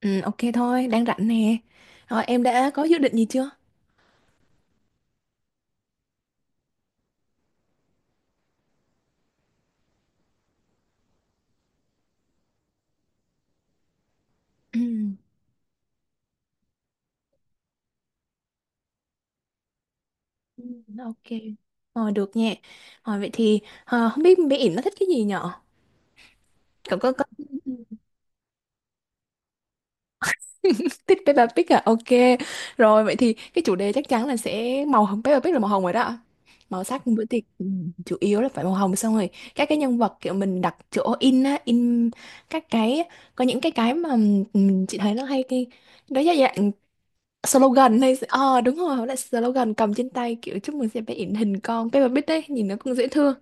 Ừ, ok thôi, đang rảnh nè. Rồi, em đã có dự định gì chưa? Ừ, Ừ, ok. Rồi, được nha. Rồi, vậy thì không biết bé ỉn nó thích cái gì nhở? Cậu có thích Peppa Pig à? Ok. Rồi, vậy thì cái chủ đề chắc chắn là sẽ màu hồng. Peppa Pig là màu hồng rồi đó. Màu sắc bữa tiệc chủ yếu là phải màu hồng xong rồi. Các cái nhân vật kiểu mình đặt chỗ in các cái, có những cái mà ừ, chị thấy nó hay cái, đó là dạng slogan hay đúng rồi lại slogan cầm trên tay kiểu chúc mừng sẽ bé in hình con Peppa Pig đấy nhìn nó cũng dễ thương.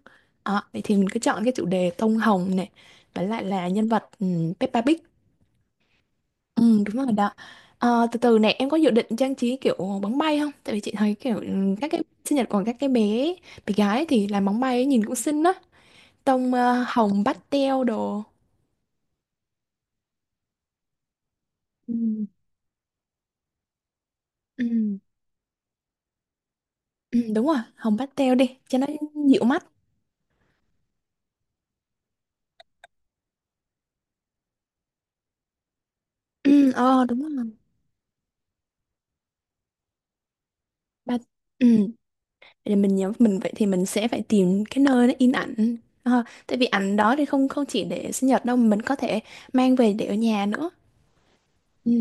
Vậy thì mình cứ chọn cái chủ đề tông hồng này với lại là nhân vật Peppa Pig. Ừ, đúng rồi đó. Từ từ này em có dự định trang trí kiểu bóng bay không, tại vì chị thấy kiểu các cái sinh nhật của các cái bé bé gái thì làm bóng bay ấy, nhìn cũng xinh đó, tông hồng pastel đồ. Ừ. Ừ, ừ, đúng rồi hồng pastel đi cho nó dịu mắt. Ừ, đúng rồi ba ừ. Vậy là mình nhắm mình vậy thì mình sẽ phải tìm cái nơi nó in ảnh. Tại vì ảnh đó thì không không chỉ để sinh nhật đâu mà mình có thể mang về để ở nhà nữa. Ừ.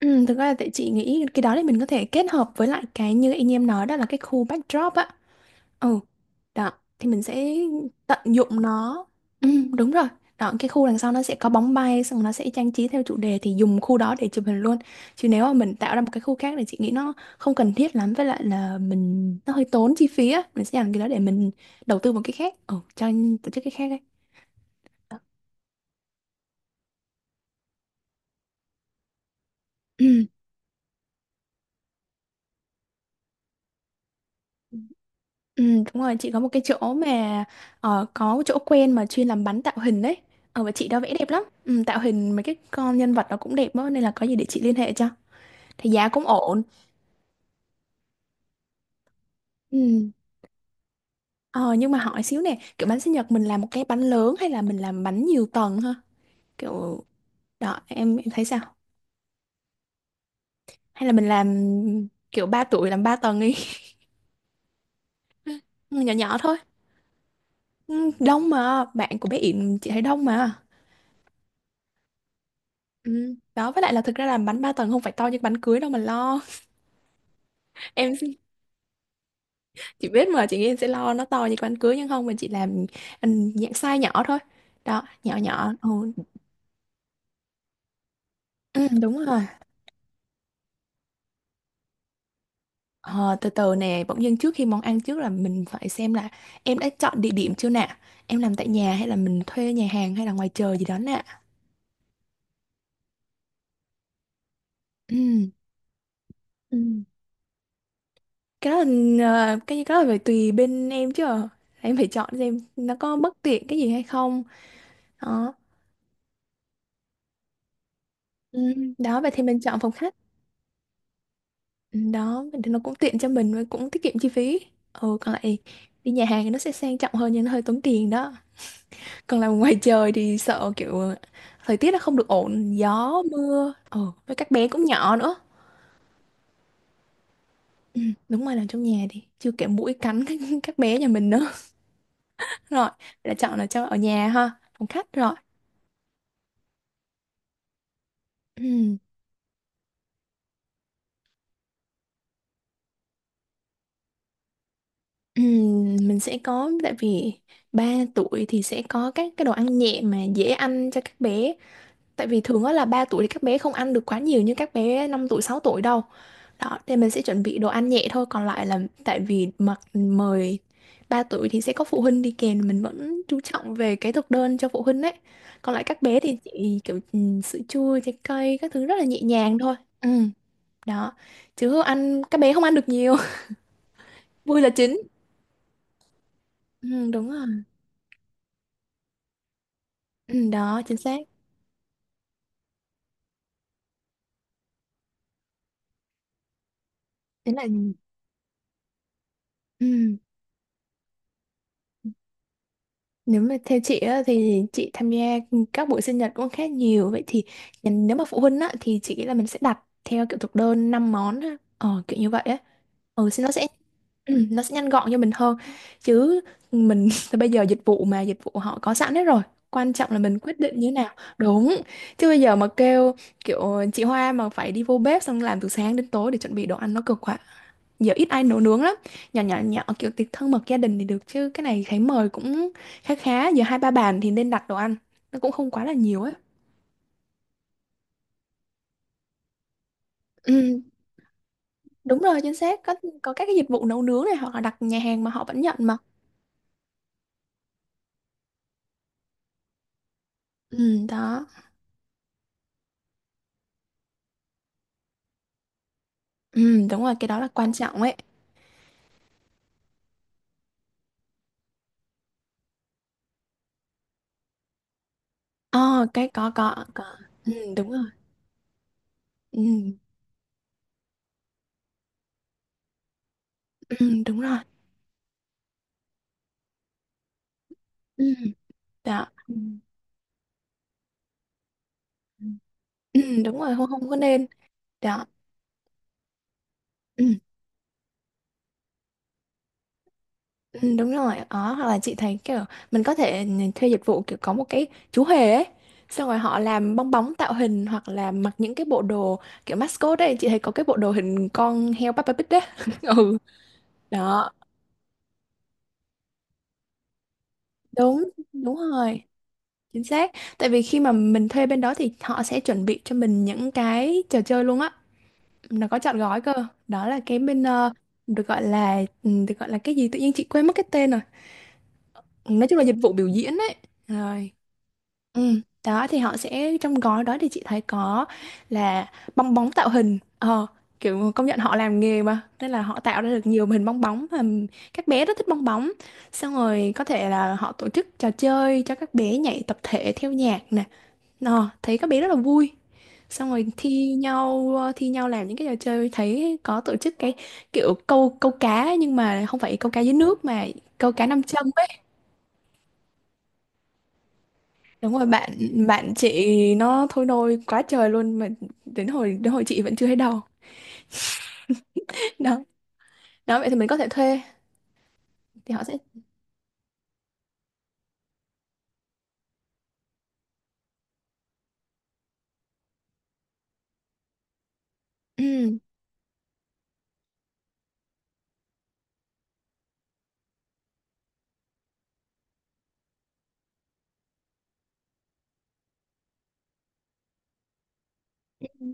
Ừ, thực ra là tại chị nghĩ cái đó thì mình có thể kết hợp với lại cái như anh em nói đó là cái khu backdrop á. Ừ, đó, thì mình sẽ tận dụng nó. Ừ, đúng rồi. Đó, cái khu đằng sau nó sẽ có bóng bay, xong nó sẽ trang trí theo chủ đề thì dùng khu đó để chụp hình luôn. Chứ nếu mà mình tạo ra một cái khu khác thì chị nghĩ nó không cần thiết lắm, với lại là mình nó hơi tốn chi phí á. Mình sẽ dành cái đó để mình đầu tư một cái khác. Ừ, cho tổ chức cái khác đấy. Đó. Ừ. Ừ, đúng rồi, chị có một cái chỗ mà có một chỗ quen mà chuyên làm bánh tạo hình đấy. Và chị đó vẽ đẹp lắm. Ừ, tạo hình mấy cái con nhân vật nó cũng đẹp đó, nên là có gì để chị liên hệ cho. Thì giá cũng ổn. Ừ. ờ nhưng mà hỏi xíu nè, kiểu bánh sinh nhật mình làm một cái bánh lớn hay là mình làm bánh nhiều tầng ha, kiểu đó em thấy sao, hay là mình làm kiểu 3 tuổi làm ba tầng đi. Ừ, nhỏ nhỏ thôi. Ừ, đông mà, bạn của bé Yển chị thấy đông mà. Ừ. Đó với lại là thực ra làm bánh 3 tầng không phải to như bánh cưới đâu mà lo. Em, chị biết mà, chị nghĩ em sẽ lo nó to như bánh cưới nhưng không mà, chị làm ừ, dạng size nhỏ thôi, đó nhỏ nhỏ ừ. Ừ, đúng rồi. Ờ, Từ từ nè, bỗng dưng trước khi món ăn, trước là mình phải xem là em đã chọn địa điểm chưa nè, em làm tại nhà hay là mình thuê nhà hàng hay là ngoài trời gì đó nè. Ừm, Ừ. Cái đó là cái đó là phải tùy bên em chứ. Ờ. Em phải chọn xem nó có bất tiện cái gì hay không. Đó. Đó vậy thì mình chọn phòng khách. Đó, vậy thì nó cũng tiện cho mình và cũng tiết kiệm chi phí. Ừ, còn lại đi nhà hàng thì nó sẽ sang trọng hơn nhưng nó hơi tốn tiền đó. Còn làm ngoài trời thì sợ kiểu thời tiết nó không được ổn, gió, mưa. Ừ, với các bé cũng nhỏ nữa. Ừ, đúng rồi, làm trong nhà đi. Chưa kể muỗi cắn các bé nhà mình nữa. Rồi, là chọn là cho ở nhà ha, phòng khách rồi. Ừ, ừ, mình sẽ có, tại vì 3 tuổi thì sẽ có các cái đồ ăn nhẹ mà dễ ăn cho các bé. Tại vì thường đó là 3 tuổi thì các bé không ăn được quá nhiều như các bé 5 tuổi, 6 tuổi đâu. Đó, thì mình sẽ chuẩn bị đồ ăn nhẹ thôi, còn lại là tại vì mặc mời 3 tuổi thì sẽ có phụ huynh đi kèm, mình vẫn chú trọng về cái thực đơn cho phụ huynh đấy. Còn lại các bé thì chỉ kiểu sữa chua, trái cây, các thứ rất là nhẹ nhàng thôi. Ừ, đó. Chứ không ăn, các bé không ăn được nhiều, vui là chính. Ừ, đúng rồi. Ừ, đó, chính xác. Thế là ừ. Nếu mà theo chị á, thì chị tham gia các buổi sinh nhật cũng khá nhiều, vậy thì nếu mà phụ huynh á, thì chị nghĩ là mình sẽ đặt theo kiểu thực đơn 5 món á. Kiểu như vậy á. Ừ, thì nó sẽ ừ, nó sẽ nhanh gọn cho mình hơn, chứ mình bây giờ dịch vụ họ có sẵn hết rồi, quan trọng là mình quyết định như thế nào. Đúng. Chứ bây giờ mà kêu kiểu chị Hoa mà phải đi vô bếp xong làm từ sáng đến tối để chuẩn bị đồ ăn nó cực quá. Giờ ít ai nấu nướng lắm. Nhỏ nhỏ nhỏ kiểu tiệc thân mật gia đình thì được, chứ cái này thấy mời cũng khá khá, giờ hai ba bàn thì nên đặt đồ ăn, nó cũng không quá là nhiều ấy. Ừ, đúng rồi, chính xác. Có các cái dịch vụ nấu nướng này, hoặc là đặt nhà hàng mà họ vẫn nhận mà. Ừ, đó. Ừ, đúng rồi cái đó là quan trọng ấy. Ờ cái có có. Ừ, đúng rồi. Ừ, ừ, đúng rồi. Ừ, đó. Ừ, đúng rồi không không có nên đó ừ. Ừ, đúng rồi đó, hoặc là chị thấy kiểu mình có thể thuê dịch vụ kiểu có một cái chú hề ấy, xong rồi họ làm bong bóng tạo hình hoặc là mặc những cái bộ đồ kiểu mascot ấy, chị thấy có cái bộ đồ hình con heo Peppa Pig đấy. Ừ đó, đúng đúng rồi, chính xác. Tại vì khi mà mình thuê bên đó thì họ sẽ chuẩn bị cho mình những cái trò chơi luôn á, nó có trọn gói cơ. Đó là cái bên được gọi là cái gì, tự nhiên chị quên mất cái tên rồi. Nói chung là dịch vụ biểu diễn ấy. Rồi. Ừ, đó thì họ sẽ, trong gói đó thì chị thấy có là bong bóng tạo hình. Ờ Kiểu công nhận họ làm nghề mà nên là họ tạo ra được nhiều hình bong bóng, và các bé rất thích bong bóng. Xong rồi có thể là họ tổ chức trò chơi cho các bé nhảy tập thể theo nhạc nè, thấy các bé rất là vui. Xong rồi thi nhau làm những cái trò chơi, thấy có tổ chức cái kiểu câu câu cá, nhưng mà không phải câu cá dưới nước mà câu cá nam châm. Đúng rồi, bạn bạn chị nó thôi nôi quá trời luôn mà, đến hồi chị vẫn chưa thấy đâu. Đó. Đó vậy thì mình có thể thuê, thì họ sẽ ừ, ừ,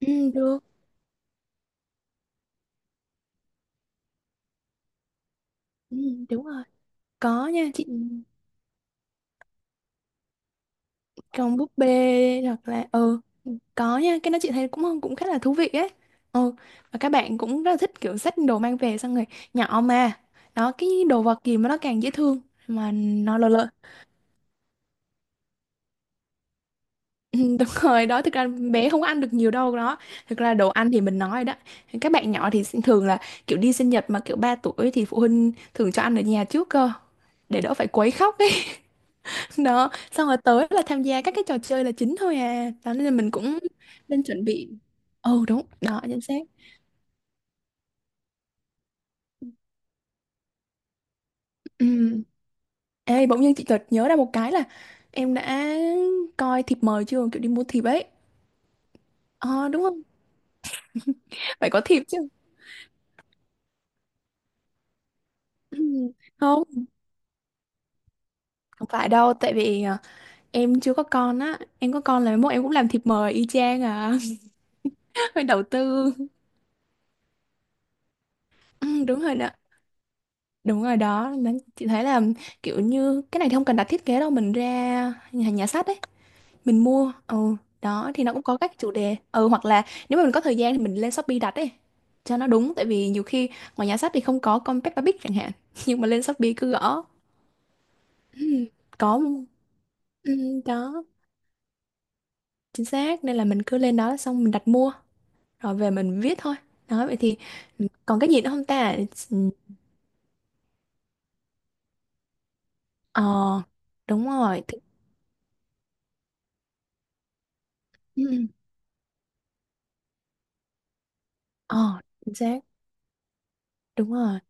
ừ, được. Ừ, đúng rồi. Có nha chị, còn búp bê hoặc là ừ, có nha, cái đó chị thấy cũng cũng khá là thú vị ấy. Ừ, và các bạn cũng rất là thích kiểu xách đồ mang về xong rồi, nhỏ mà. Đó cái đồ vật gì mà nó càng dễ thương mà nó lớn lớn. Ừ, đúng rồi đó, thực ra bé không có ăn được nhiều đâu, đó thực ra đồ ăn thì mình nói đó, các bạn nhỏ thì sẽ thường là kiểu đi sinh nhật mà kiểu 3 tuổi thì phụ huynh thường cho ăn ở nhà trước cơ, để đỡ phải quấy khóc ấy. Đó, xong rồi tới là tham gia các cái trò chơi là chính thôi à, đó nên là mình cũng nên chuẩn bị. Ừ đúng đó, chính xác. Ừ. Ê, bỗng nhiên chị chợt nhớ ra một cái là em đã coi thiệp mời chưa, kiểu đi mua thiệp ấy. Ờ Đúng không? Phải có thiệp chứ. Ừ. Không, không phải đâu, tại vì à, em chưa có con á, em có con là mốt em cũng làm thịt mời y chang à. Phải đầu tư. Ừ, đúng rồi đó, đúng rồi đó. Mà chị thấy là kiểu như cái này thì không cần đặt thiết kế đâu, mình ra nhà sách ấy, mình mua. Ừ, đó thì nó cũng có các chủ đề. Ừ, hoặc là nếu mà mình có thời gian thì mình lên Shopee đặt ấy, cho nó đúng. Tại vì nhiều khi ngoài nhà sách thì không có con Peppa Pig chẳng hạn, nhưng mà lên Shopee cứ gõ. Ừ, có, ừ, đó, chính xác. Nên là mình cứ lên đó xong mình đặt mua, rồi về mình viết thôi. Đó vậy thì còn cái gì nữa không ta. Ừ, ờ đúng rồi ừ, ờ chính xác, đúng rồi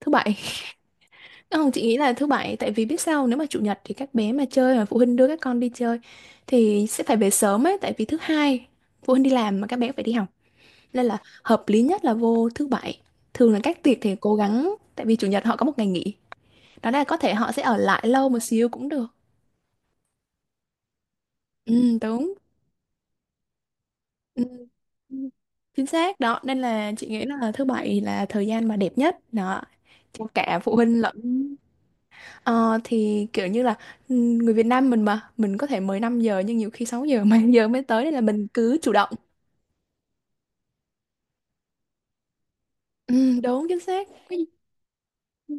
thứ bảy. Không, chị nghĩ là thứ bảy, tại vì biết sao không? Nếu mà chủ nhật thì các bé mà chơi mà phụ huynh đưa các con đi chơi thì sẽ phải về sớm ấy, tại vì thứ hai phụ huynh đi làm mà các bé phải đi học, nên là hợp lý nhất là vô thứ bảy. Thường là các tiệc thì cố gắng, tại vì chủ nhật họ có một ngày nghỉ, đó là có thể họ sẽ ở lại lâu một xíu cũng được. Ừ đúng. Ừ, chính xác đó, nên là chị nghĩ là thứ bảy là thời gian mà đẹp nhất đó, cho cả phụ huynh lẫn. Ờ, thì kiểu như là ừ, người Việt Nam mình mà mình có thể 15 giờ nhưng nhiều khi 6 giờ 7 giờ mới tới, nên là mình cứ chủ động. Ừ, đúng chính xác. Ừ,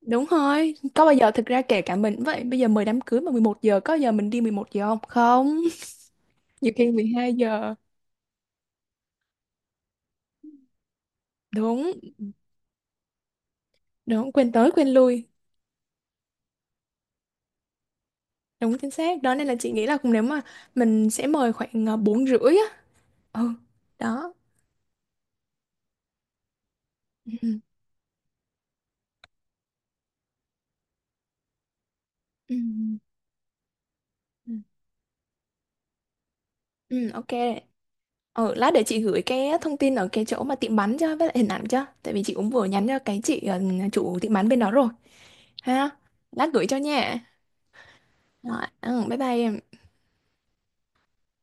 đúng rồi, có bao giờ thực ra kể cả mình cũng vậy, bây giờ mời đám cưới mà 11 giờ có bao giờ mình đi 11 giờ, không không, nhiều khi 12 giờ. Đúng, đúng quên tới quên lui. Đúng chính xác. Đó nên là chị nghĩ là cũng, nếu mà mình sẽ mời khoảng 4 rưỡi á. Ừ, đó. Ừ, ừ, Ừ. Ừ. Ừ, ok. Ừ, lát để chị gửi cái thông tin ở cái chỗ mà tiệm bánh cho với lại hình ảnh cho. Tại vì chị cũng vừa nhắn cho cái chị chủ tiệm bánh bên đó rồi. Ha. Lát gửi cho nha. Rồi, ừ, bye bye em.